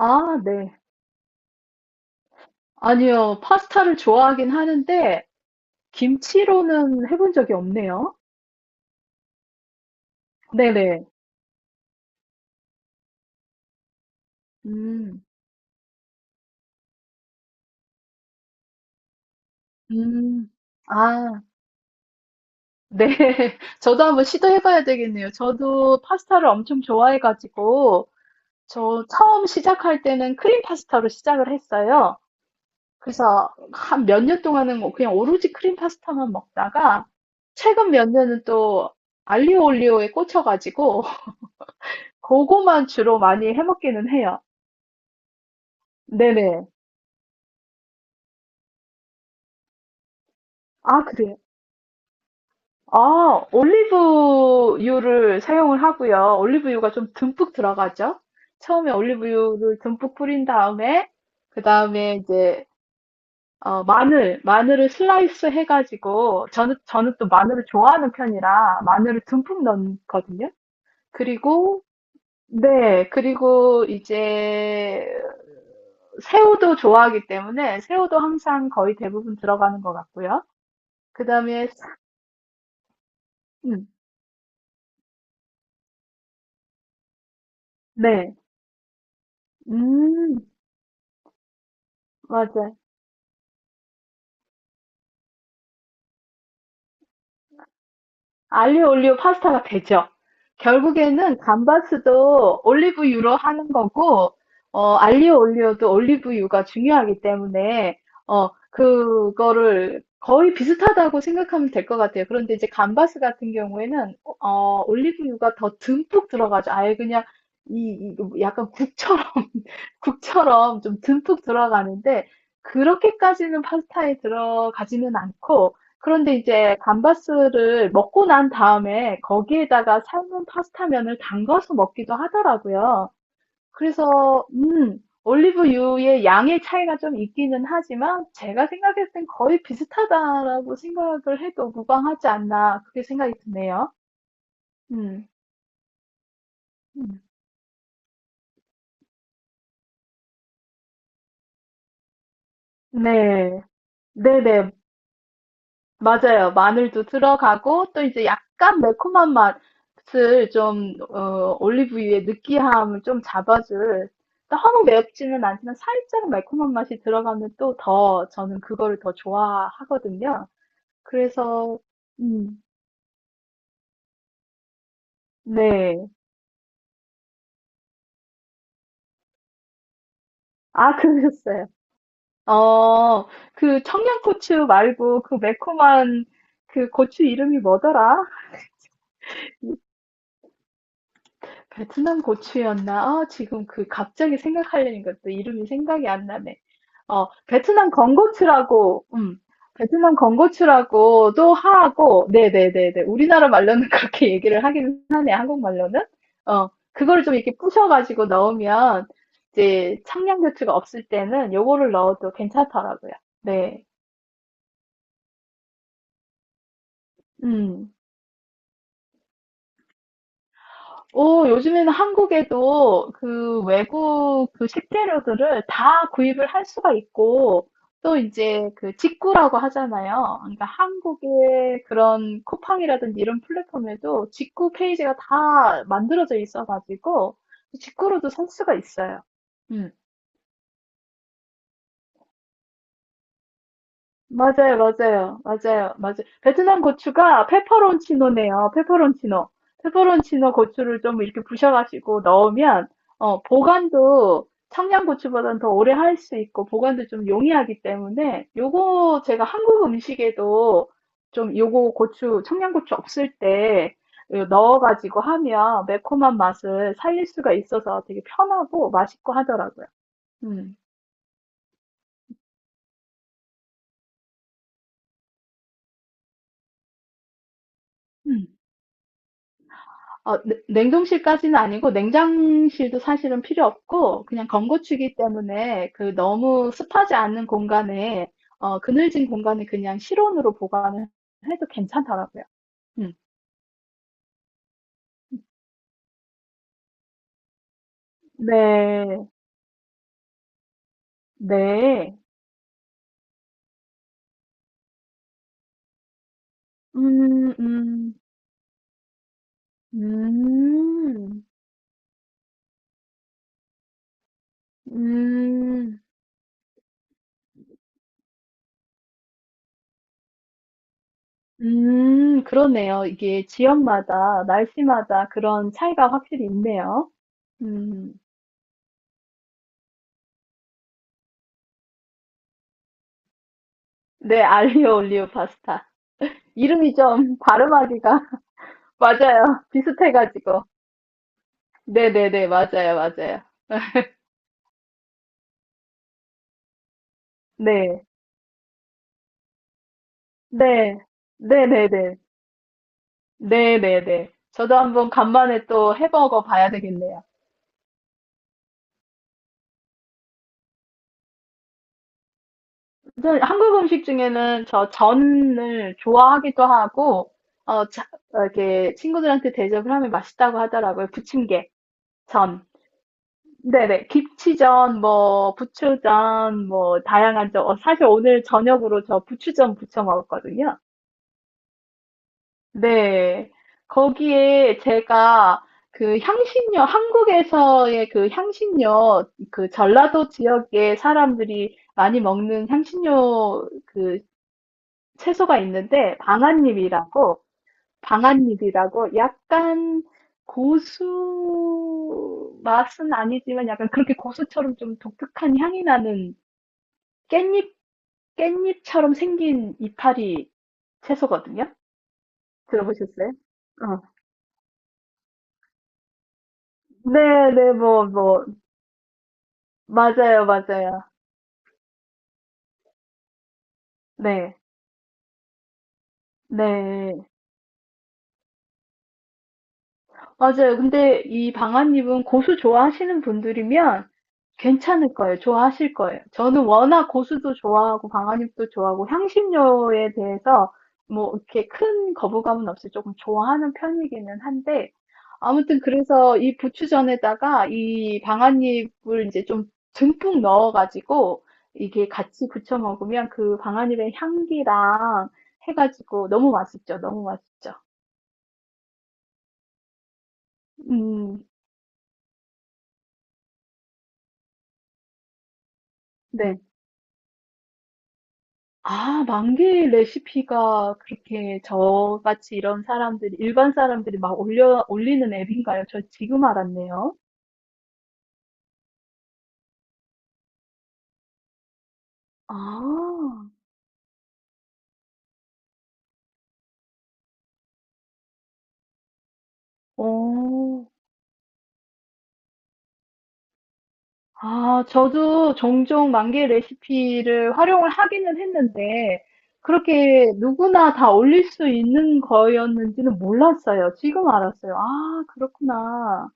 아, 네. 아니요. 파스타를 좋아하긴 하는데, 김치로는 해본 적이 없네요. 네네. 음, 음. 아, 네. 저도 한번 시도해봐야 되겠네요. 저도 파스타를 엄청 좋아해가지고, 저 처음 시작할 때는 크림 파스타로 시작을 했어요. 그래서 한 몇 년 동안은 뭐 그냥 오로지 크림 파스타만 먹다가, 최근 몇 년은 또 알리오 올리오에 꽂혀가지고, 그거만 주로 많이 해먹기는 해요. 네네. 아, 그래요? 아, 올리브유를 사용을 하고요. 올리브유가 좀 듬뿍 들어가죠? 처음에 올리브유를 듬뿍 뿌린 다음에, 그 다음에 이제, 마늘을 슬라이스 해가지고, 저는 또 마늘을 좋아하는 편이라 마늘을 듬뿍 넣거든요. 그리고, 네, 그리고 이제, 새우도 좋아하기 때문에 새우도 항상 거의 대부분 들어가는 것 같고요. 그 다음에, 음, 네. 음. 맞아요. 알리오 올리오 파스타가 되죠. 결국에는 감바스도 올리브유로 하는 거고, 알리오 올리오도 올리브유가 중요하기 때문에, 그거를 거의 비슷하다고 생각하면 될 것 같아요. 그런데 이제 감바스 같은 경우에는, 올리브유가 더 듬뿍 들어가죠. 아예 그냥, 이 약간 국처럼, 국처럼 좀 듬뿍 들어가는데, 그렇게까지는 파스타에 들어가지는 않고, 그런데 이제 감바스를 먹고 난 다음에 거기에다가 삶은 파스타면을 담가서 먹기도 하더라고요. 그래서 올리브유의 양의 차이가 좀 있기는 하지만 제가 생각했을 땐 거의 비슷하다라고 생각을 해도 무방하지 않나 그렇게 생각이 드네요. 음. 음. 네. 네네, 맞아요. 마늘도 들어가고 또 이제 약간 매콤한 맛을 좀 올리브유의 느끼함을 좀 잡아줄 너무 맵지는 않지만 살짝 매콤한 맛이 들어가면 또 더 저는 그거를 더 좋아하거든요. 그래서 음, 네. 아, 그러셨어요. 어, 그 청양고추 말고 그 매콤한 그 고추 이름이 뭐더라? 베트남 고추였나? 아, 지금 그 갑자기 생각하려니까 또 이름이 생각이 안 나네. 베트남 건고추라고, 베트남 건고추라고도 하고, 네네네네. 우리나라 말로는 그렇게 얘기를 하긴 하네, 한국말로는. 그걸 좀 이렇게 부셔가지고 넣으면, 이제 청양고추가 없을 때는 요거를 넣어도 괜찮더라고요. 네. 음. 오, 요즘에는 한국에도 그 외국 그 식재료들을 다 구입을 할 수가 있고, 또 이제 그 직구라고 하잖아요. 그러니까 한국의 그런 쿠팡이라든지 이런 플랫폼에도 직구 페이지가 다 만들어져 있어가지고, 직구로도 살 수가 있어요. 음. 맞아요, 맞아요, 맞아요, 맞아요. 베트남 고추가 페퍼론치노네요. 페퍼론치노. 페퍼론치노 고추를 좀 이렇게 부셔가지고 넣으면, 보관도 청양고추보다는 더 오래 할 수 있고, 보관도 좀 용이하기 때문에, 요거 제가 한국 음식에도 좀 요거 고추, 청양고추 없을 때 요 넣어가지고 하면 매콤한 맛을 살릴 수가 있어서 되게 편하고 맛있고 하더라고요. 음. 냉동실까지는 아니고 냉장실도 사실은 필요 없고 그냥 건고추기 때문에 그 너무 습하지 않는 공간에 그늘진 공간에 그냥 실온으로 보관을 해도 괜찮더라고요. 음. 네, 네, 음, 음, 음, 음, 그러네요. 이게 지역마다 날씨마다 그런 차이가 확실히 있네요. 음, 네, 알리오 올리오 파스타. 이름이 좀 발음하기가 맞아요. 비슷해가지고. 네네네, 맞아요, 맞아요. 네, 네, 네네네, 네네네. 저도 한번 간만에 또 해먹어 봐야 되겠네요. 저는 한국 음식 중에는 저 전을 좋아하기도 하고, 어, 자- 이렇게 친구들한테 대접을 하면 맛있다고 하더라고요. 부침개, 전. 네네, 김치전, 뭐, 부추전, 뭐, 다양한 전. 사실 오늘 저녁으로 저 부추전 부쳐 먹었거든요. 네. 거기에 제가 그 향신료, 한국에서의 그 향신료, 그 전라도 지역의 사람들이 많이 먹는 향신료 그 채소가 있는데, 방아잎이라고 약간 고수 맛은 아니지만 약간 그렇게 고수처럼 좀 독특한 향이 나는 깻잎, 깻잎처럼 생긴 이파리 채소거든요. 들어보셨어요? 네, 네, 뭐, 뭐, 맞아요, 맞아요. 네, 네. 맞아요. 근데 이 방아잎은 고수 좋아하시는 분들이면 괜찮을 거예요. 좋아하실 거예요. 저는 워낙 고수도 좋아하고 방아잎도 좋아하고 향신료에 대해서 뭐 이렇게 큰 거부감은 없이 조금 좋아하는 편이기는 한데 아무튼 그래서 이 부추전에다가 이 방아잎을 이제 좀 듬뿍 넣어가지고 이게 같이 부쳐 먹으면 그 방아잎의 향기랑 해가지고 너무 맛있죠. 너무 맛있죠. 음, 네. 아, 만개의 레시피가 그렇게 저같이 이런 사람들이, 일반 사람들이 막 올리는 앱인가요? 저 지금 알았네요. 아, 어, 아, 저도 종종 만개 레시피를 활용을 하기는 했는데, 그렇게 누구나 다 올릴 수 있는 거였는지는 몰랐어요. 지금 알았어요. 아, 그렇구나.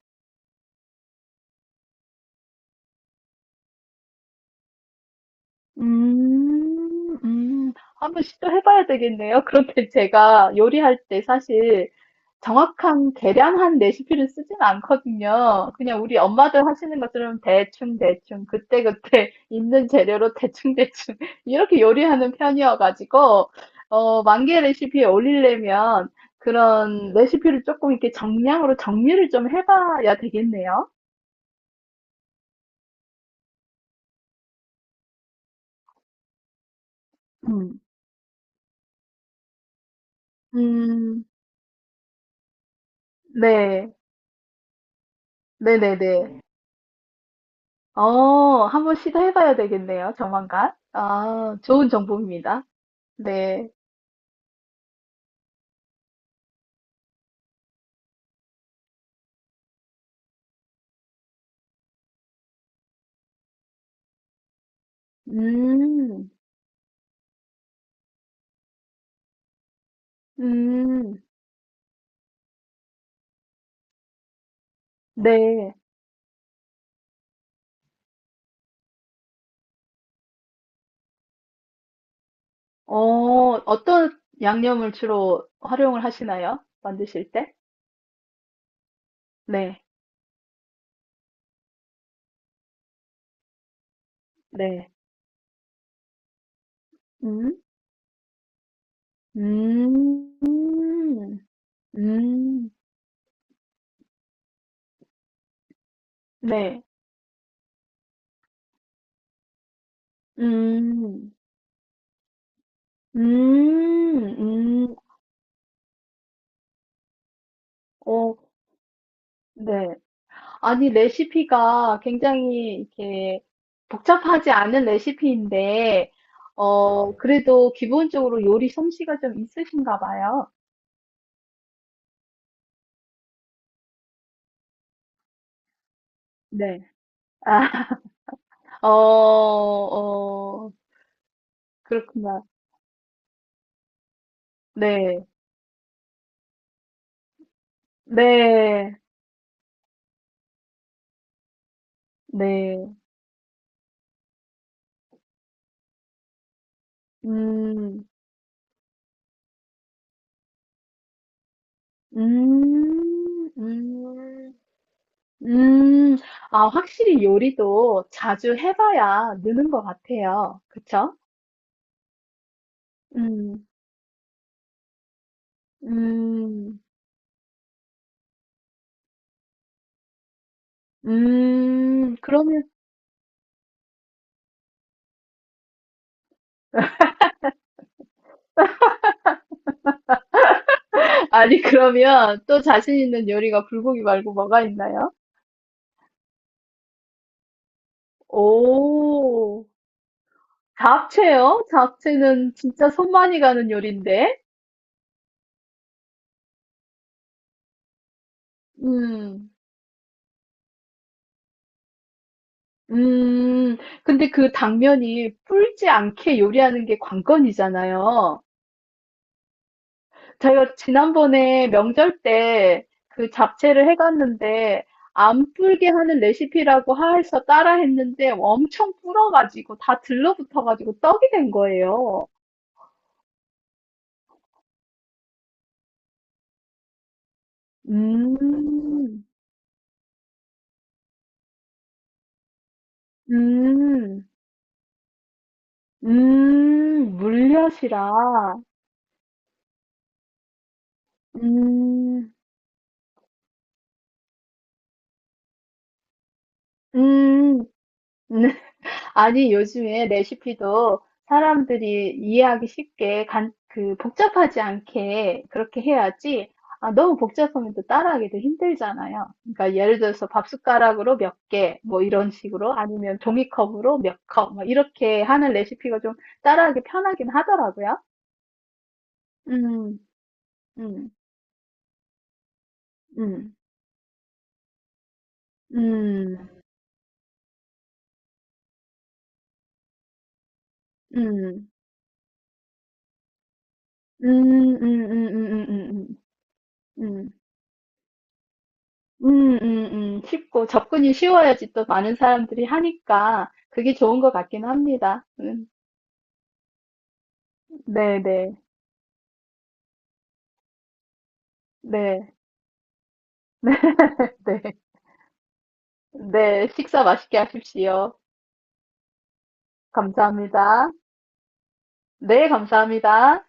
음. 음. 한번 시도해 봐야 되겠네요. 그런데 제가 요리할 때 사실 정확한 계량한 레시피를 쓰진 않거든요. 그냥 우리 엄마들 하시는 것처럼 대충대충, 그때그때 있는 재료로 대충대충, 이렇게 요리하는 편이어가지고, 만개 레시피에 올리려면 그런 레시피를 조금 이렇게 정량으로 정리를 좀 해봐야 되겠네요. 음, 음, 네. 네네네. 한번 시도해봐야 되겠네요, 조만간. 아, 좋은 정보입니다. 네. 음, 음, 네. 어, 어떤 양념을 주로 활용을 하시나요? 만드실 때? 네, 네. 음, 음, 음, 네. 음, 음, 음, 어, 네. 아니, 레시피가 굉장히 이렇게 복잡하지 않은 레시피인데, 그래도 기본적으로 요리 솜씨가 좀 있으신가 봐요. 네. 아, 어, 어, 그렇구나. 네, 네, 네. 음, 음, 음, 음. 아, 확실히 요리도 자주 해봐야 느는 것 같아요. 그쵸? 음, 음. 그러면, 아니, 그러면 또 자신 있는 요리가 불고기 말고 뭐가 있나요? 오, 잡채요? 잡채는 진짜 손 많이 가는 요리인데? 음, 음, 근데 그 당면이 불지 않게 요리하는 게 관건이잖아요. 제가 지난번에 명절 때 그 잡채를 해갔는데, 안 불게 하는 레시피라고 해서 따라 했는데 엄청 불어가지고 다 들러붙어가지고 떡이 된 거예요. 음, 음, 물엿이라. 음, 음. 아니, 요즘에 레시피도 사람들이 이해하기 쉽게 복잡하지 않게 그렇게 해야지. 아, 너무 복잡하면 또 따라하기도 힘들잖아요. 그러니까 예를 들어서 밥 숟가락으로 몇 개, 뭐 이런 식으로 아니면 종이컵으로 몇 컵, 뭐 이렇게 하는 레시피가 좀 따라하기 편하긴 하더라고요. 음, 음, 음. 음, 음, 음, 음, 음, 음, 음, 음, 음, 쉽고 접근이 쉬워야지 또 많은 사람들이 하니까 그게 좋은 것 같긴 합니다. 네, 네, 네, 네, 네, 식사 맛있게 하십시오. 감사합니다. 네, 감사합니다.